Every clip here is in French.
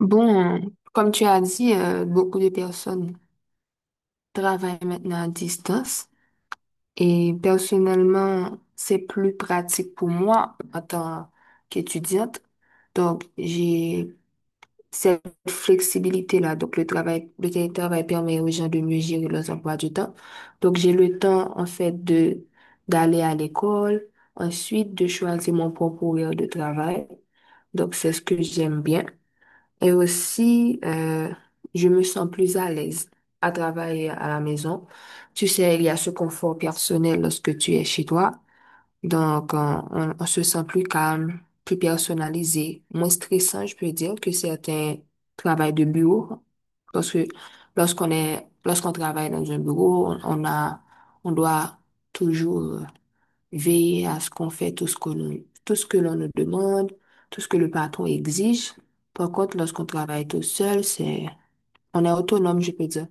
Bon, comme tu as dit, beaucoup de personnes travaillent maintenant à distance et personnellement, c'est plus pratique pour moi en tant qu'étudiante. Donc, j'ai cette flexibilité-là. Donc, le télétravail permet aux gens de mieux gérer leurs emplois du temps. Donc, j'ai le temps, en fait, d'aller à l'école, ensuite de choisir mon propre horaire de travail. Donc, c'est ce que j'aime bien. Et aussi, je me sens plus à l'aise à travailler à la maison. Tu sais, il y a ce confort personnel lorsque tu es chez toi. Donc, on se sent plus calme, plus personnalisé, moins stressant, je peux dire, que certains travails de bureau. Parce que lorsqu'on travaille dans un bureau, on doit toujours veiller à ce qu'on fait tout ce que l'on nous demande, tout ce que le patron exige. Par contre, lorsqu'on travaille tout seul, on est autonome, je peux dire.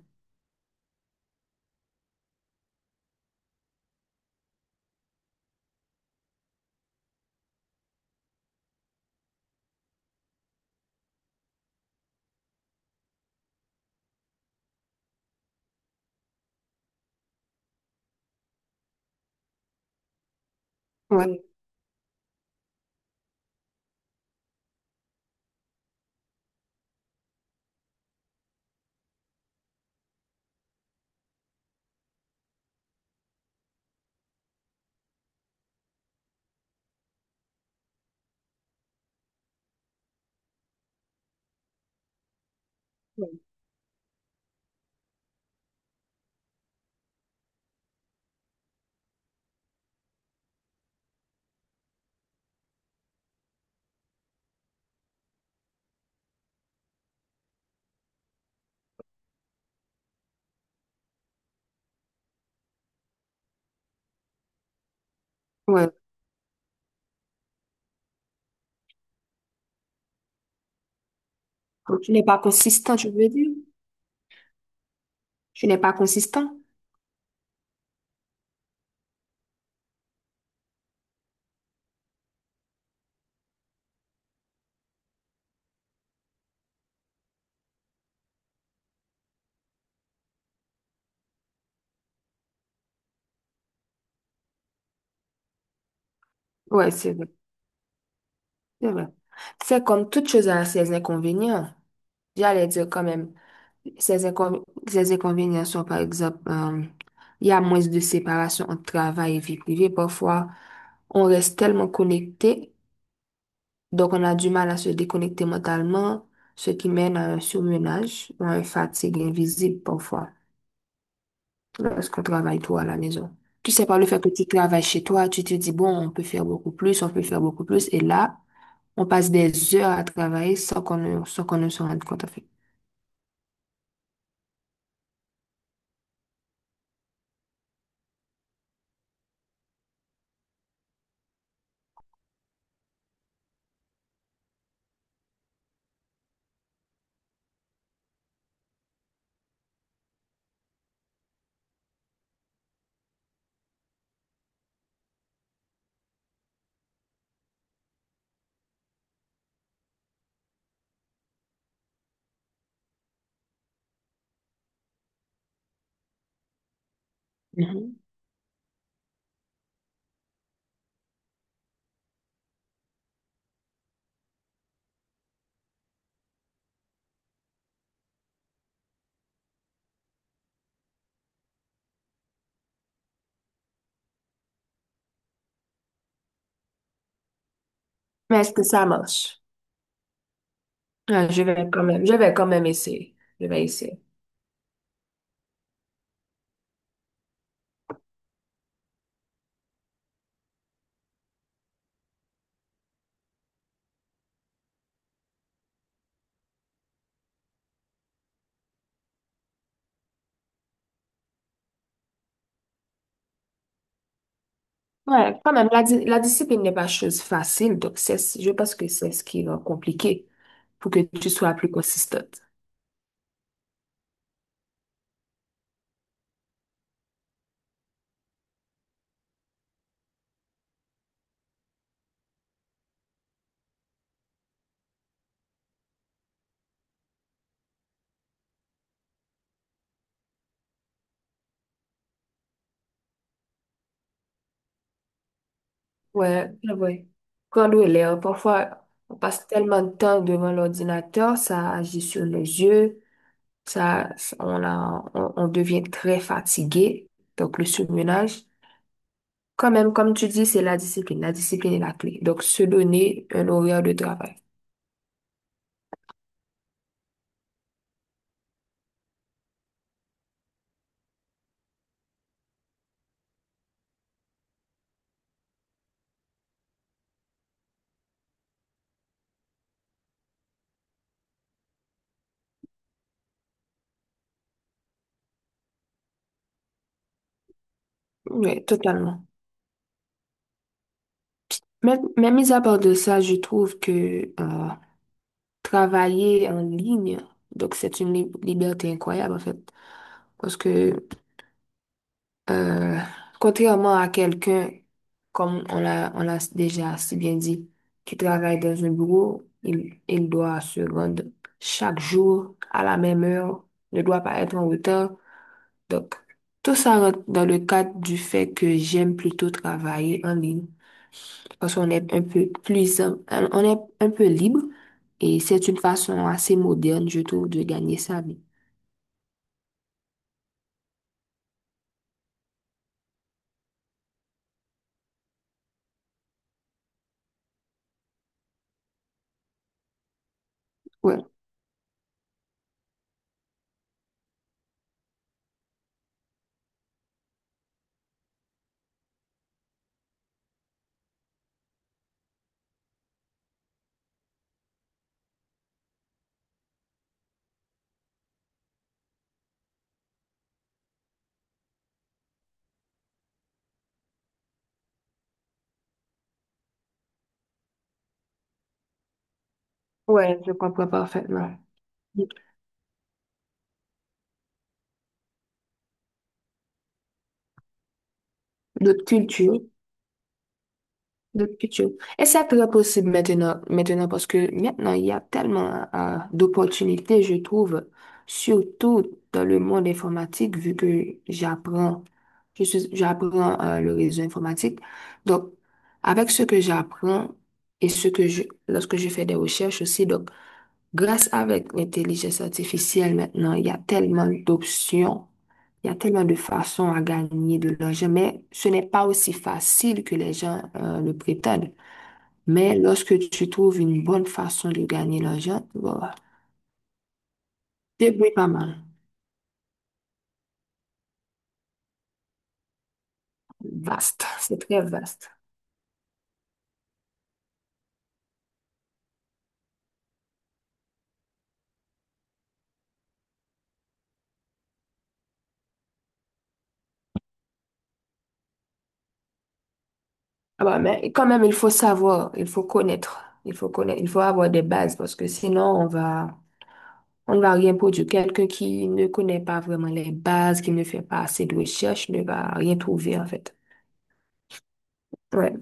Ouais, ouais. Donc, tu n'es pas consistant, je veux dire. Tu n'es pas consistant. Ouais, c'est vrai, c'est vrai. C'est comme toute chose à ses inconvénients. J'allais dire quand même. Ces inconvénients sont, par exemple, il y a moins de séparation entre travail et vie privée. Parfois, on reste tellement connecté, donc on a du mal à se déconnecter mentalement, ce qui mène à un surmenage ou à une fatigue invisible parfois lorsqu'on travaille trop à la maison. Tu sais, par le fait que tu travailles chez toi, tu te dis, bon, on peut faire beaucoup plus, on peut faire beaucoup plus. Et là, on passe des heures à travailler sans qu'on ne se rende compte, en fait. Mhm. Mais est-ce que ça marche? Ouais, je vais quand même essayer. Je vais essayer. Ouais, quand même, la discipline n'est pas chose facile, donc je pense que c'est ce qui rend compliqué pour que tu sois plus consistante. Ouais, c'est vrai. Prendre l'air, parfois, on passe tellement de temps devant l'ordinateur, ça agit sur les yeux, on devient très fatigué, donc le surmenage. Quand même, comme tu dis, c'est la discipline. La discipline est la clé. Donc, se donner un horaire de travail. Oui, totalement. Mais mis à part de ça, je trouve que travailler en ligne, donc c'est une liberté incroyable en fait. Parce que euh, contrairement à quelqu'un, comme on l'a déjà si bien dit, qui travaille dans un bureau, il doit se rendre chaque jour à la même heure, ne doit pas être en retard. Donc, tout ça rentre dans le cadre du fait que j'aime plutôt travailler en ligne parce qu'on est un peu plus, on est un peu libre et c'est une façon assez moderne, je trouve, de gagner sa vie. Ouais, ouais, je comprends parfaitement. D'autres cultures, de culture. Et c'est très possible maintenant, maintenant parce que maintenant, il y a tellement d'opportunités, je trouve, surtout dans le monde informatique, vu que j'apprends, j'apprends le réseau informatique. Donc, avec ce que j'apprends et lorsque je fais des recherches aussi, donc, grâce avec l'intelligence artificielle maintenant, il y a tellement d'options, il y a tellement de façons à gagner de l'argent, mais ce n'est pas aussi facile que les gens le prétendent. Mais lorsque tu trouves une bonne façon de gagner l'argent, voilà, tu pas mal. Vaste, c'est très vaste. Ah bah, mais quand même, il faut savoir, il faut avoir des bases parce que sinon on va on ne va rien produire. Quelqu'un qui ne connaît pas vraiment les bases, qui ne fait pas assez de recherches, ne va rien trouver, en fait. Ouais,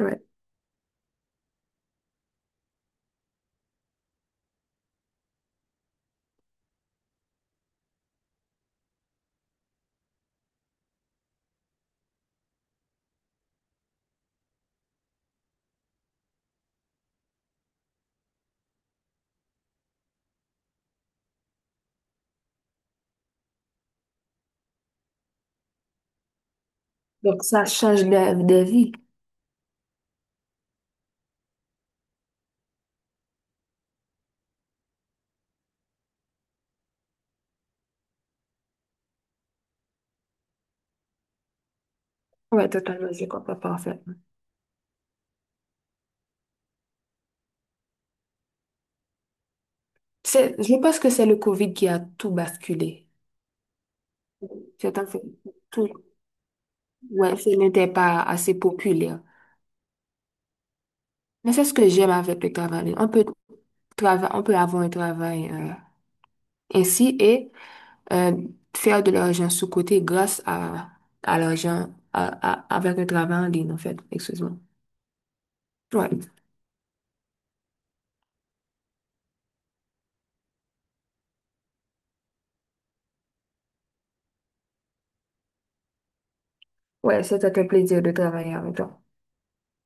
ouais. Donc, ça change de vie. Ouais, totalement, je comprends parfaitement. C'est, je pense que c'est le COVID qui a tout basculé. C'est en fait tout. Ouais, ce n'était pas assez populaire. Mais c'est ce que j'aime avec le travail. On peut on peut avoir un travail, ainsi et euh, faire de l'argent sous-côté grâce à l'argent à- avec le travail en ligne, en fait. Excuse-moi. Ouais. Ouais, c'était un plaisir de travailler avec toi.